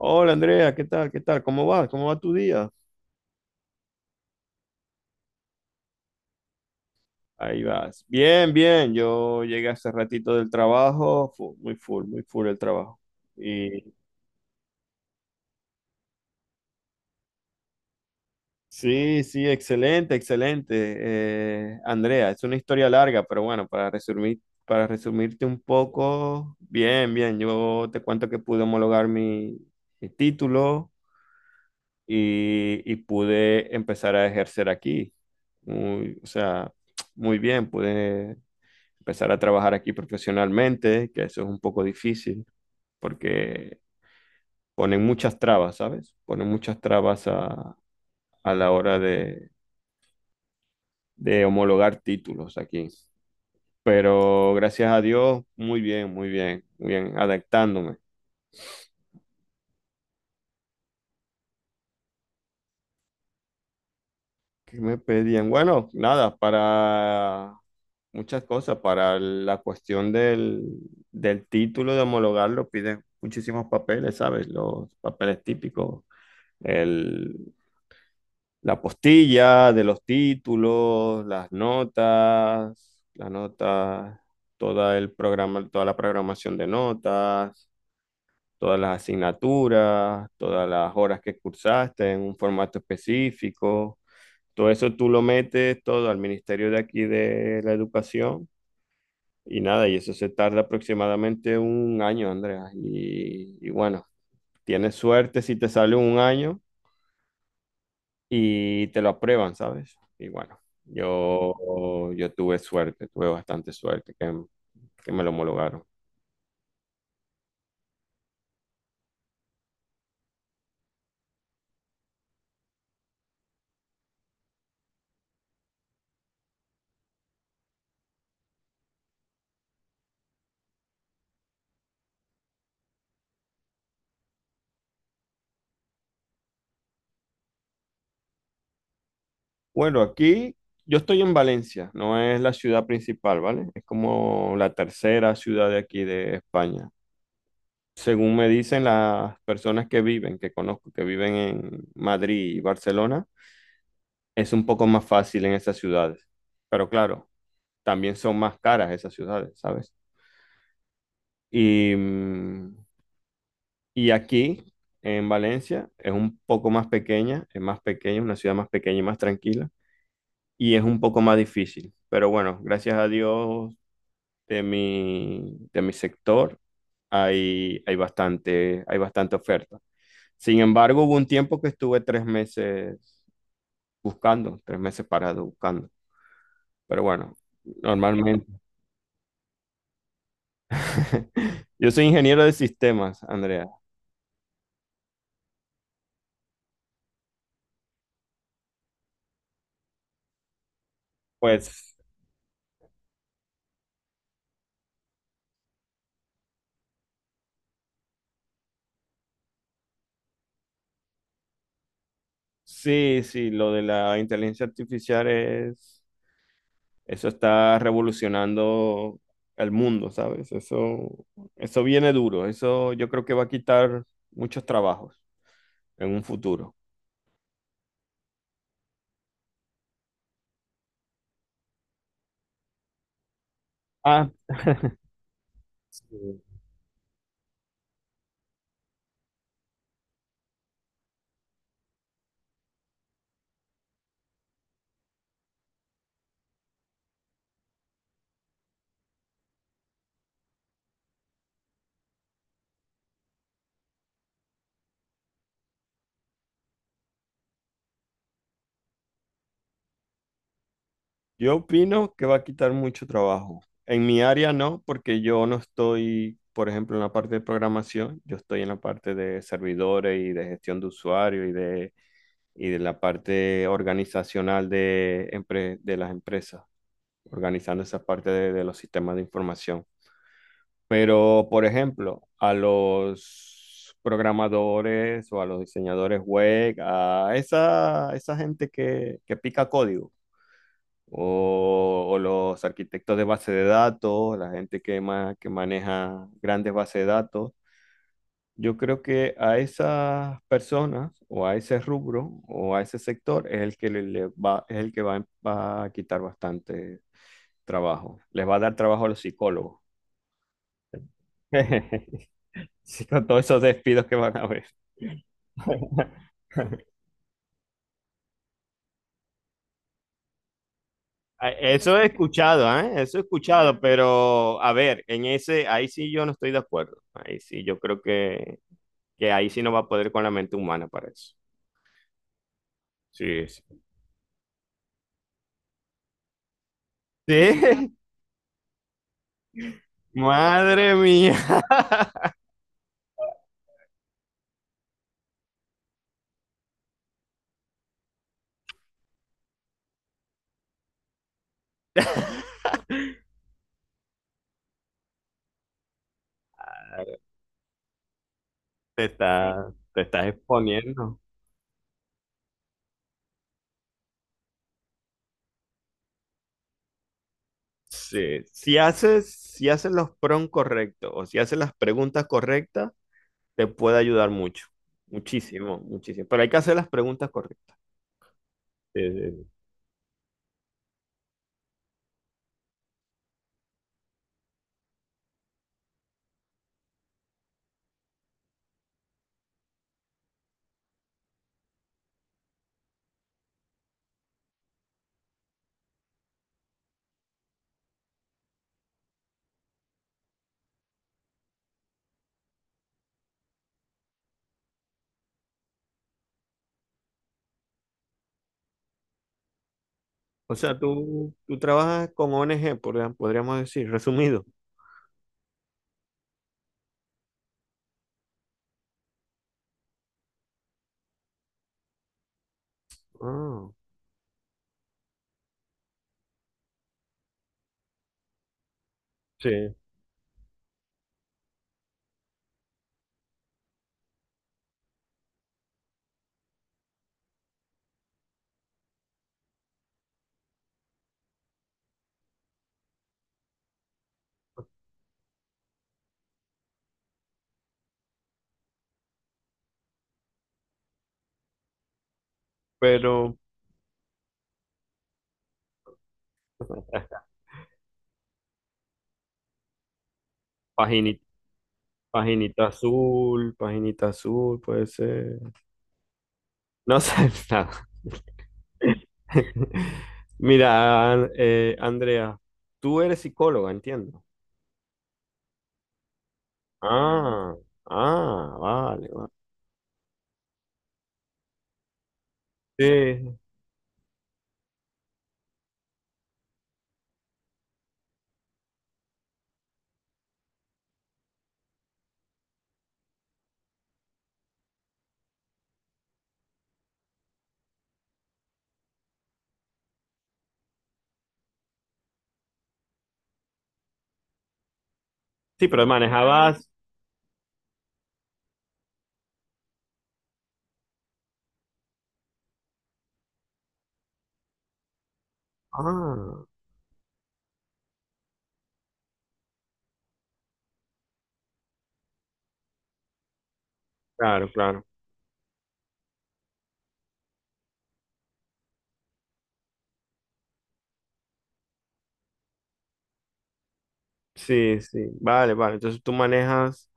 Hola, Andrea, ¿qué tal? ¿Qué tal? ¿Cómo vas? ¿Cómo va tu día? Ahí vas. Bien, bien. Yo llegué hace ratito del trabajo, muy full el trabajo. Y sí, sí, excelente, excelente. Andrea, es una historia larga, pero bueno, para resumir, para resumirte un poco, bien, bien. Yo te cuento que pude homologar mi título y pude empezar a ejercer aquí. Muy, o sea, muy bien, pude empezar a trabajar aquí profesionalmente, que eso es un poco difícil porque ponen muchas trabas, ¿sabes? Ponen muchas trabas a la hora de homologar títulos aquí. Pero gracias a Dios, muy bien, muy bien, muy bien, adaptándome. ¿Qué me pedían? Bueno, nada, para muchas cosas, para la cuestión del título de homologarlo piden muchísimos papeles, ¿sabes? Los papeles típicos, el, la postilla de los títulos, las notas, toda el programa, toda la programación de notas, todas las asignaturas, todas las horas que cursaste en un formato específico. Todo eso tú lo metes todo al Ministerio de aquí de la Educación y nada, y eso se tarda aproximadamente un año, Andrea. Y bueno, tienes suerte si te sale un año y te lo aprueban, ¿sabes? Y bueno, yo tuve suerte, tuve bastante suerte que me lo homologaron. Bueno, aquí yo estoy en Valencia, no es la ciudad principal, ¿vale? Es como la tercera ciudad de aquí de España. Según me dicen las personas que viven, que conozco, que viven en Madrid y Barcelona, es un poco más fácil en esas ciudades. Pero claro, también son más caras esas ciudades, ¿sabes? Y mm, Y aquí, en Valencia, es un poco más pequeña, es una ciudad más pequeña y más tranquila, y es un poco más difícil. Pero bueno, gracias a Dios de mi sector hay bastante oferta. Sin embargo, hubo un tiempo que estuve tres meses buscando, tres meses parado buscando. Pero bueno, normalmente. Yo soy ingeniero de sistemas, Andrea. Pues sí, sí, lo de la inteligencia artificial es. Eso está revolucionando el mundo, ¿sabes? Eso viene duro. Eso yo creo que va a quitar muchos trabajos en un futuro. Ah, sí. Yo opino que va a quitar mucho trabajo. En mi área no, porque yo no estoy, por ejemplo, en la parte de programación, yo estoy en la parte de servidores y de gestión de usuario y de la parte organizacional de las empresas, organizando esa parte de los sistemas de información. Pero, por ejemplo, a los programadores o a los diseñadores web, a esa gente que pica código, o los arquitectos de base de datos, la gente que, que maneja grandes bases de datos, yo creo que a esas personas o a ese rubro o a ese sector es el que le va, es el que va, va a quitar bastante trabajo. Les va a dar trabajo a los psicólogos. Sí, con todos esos despidos que van a haber. Ah, eso he escuchado, ¿eh? Eso he escuchado, pero a ver, en ese, ahí sí yo no estoy de acuerdo. Ahí sí, yo creo que ahí sí no va a poder con la mente humana para eso. Sí, sí. Sí, madre mía, te está, te estás exponiendo. Sí, si haces, si haces los prompts correctos o si haces las preguntas correctas. Te puede ayudar mucho, muchísimo, muchísimo. Pero hay que hacer las preguntas correctas. Sí, sí, sí. O sea, tú trabajas con ONG, podríamos decir, resumido. Ah, sí. Pero paginita, paginita azul, puede ser. No sé nada. Mira, Andrea, tú eres psicóloga, entiendo. Ah, ah, vale, vale. Sí, sí, pero manejabas. Ah, claro, claro. Sí, sí, vale, vale. Entonces tú manejas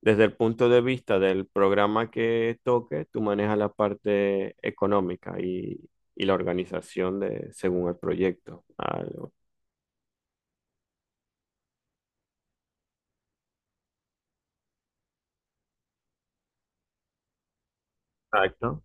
desde el punto de vista del programa que toque, tú manejas la parte económica y la organización de según el proyecto. Algo. Exacto.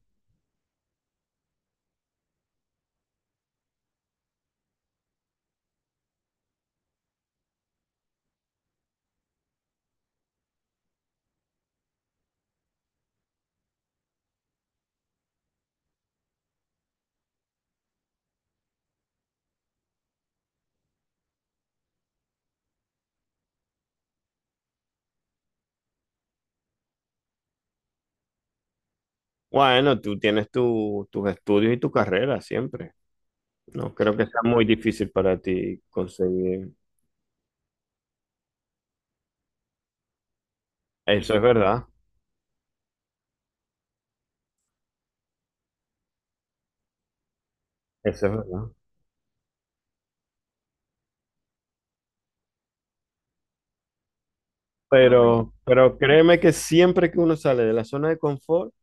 Bueno, tú tienes tus estudios y tu carrera siempre. No creo que sea muy difícil para ti conseguir. Eso es verdad, eso es verdad. Pero créeme que siempre que uno sale de la zona de confort,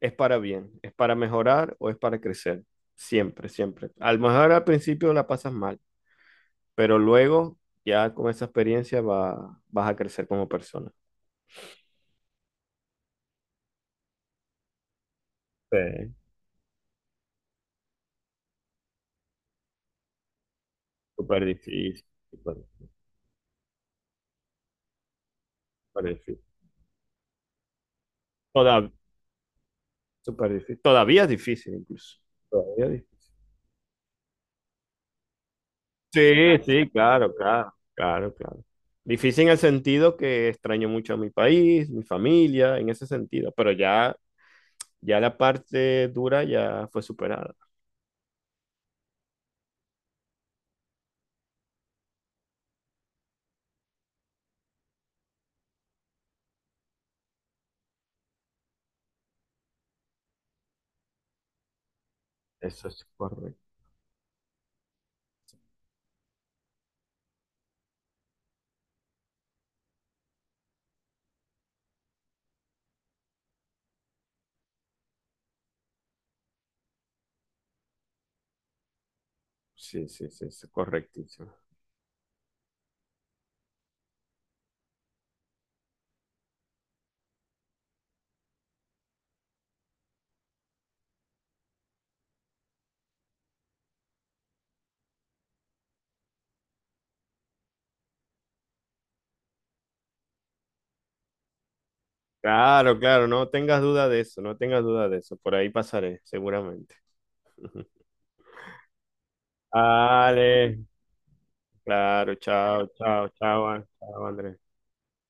es para bien, es para mejorar o es para crecer. Siempre, siempre. A lo mejor al principio la pasas mal, pero luego ya con esa experiencia vas a crecer como persona. Sí, súper difícil, súper, súper difícil. Toda- Súper difícil. Todavía es difícil, incluso. Todavía es difícil. Sí, sí, claro, claro, claro, claro. Difícil en el sentido que extraño mucho a mi país, mi familia, en ese sentido, pero ya, ya la parte dura ya fue superada. Eso es correcto. Sí, sí, sí, sí, correctísimo. Claro, claro, no tengas duda de eso, no tengas duda de eso. Por ahí pasaré, seguramente. Vale, claro, chao, chao, chao, chao, Andrés.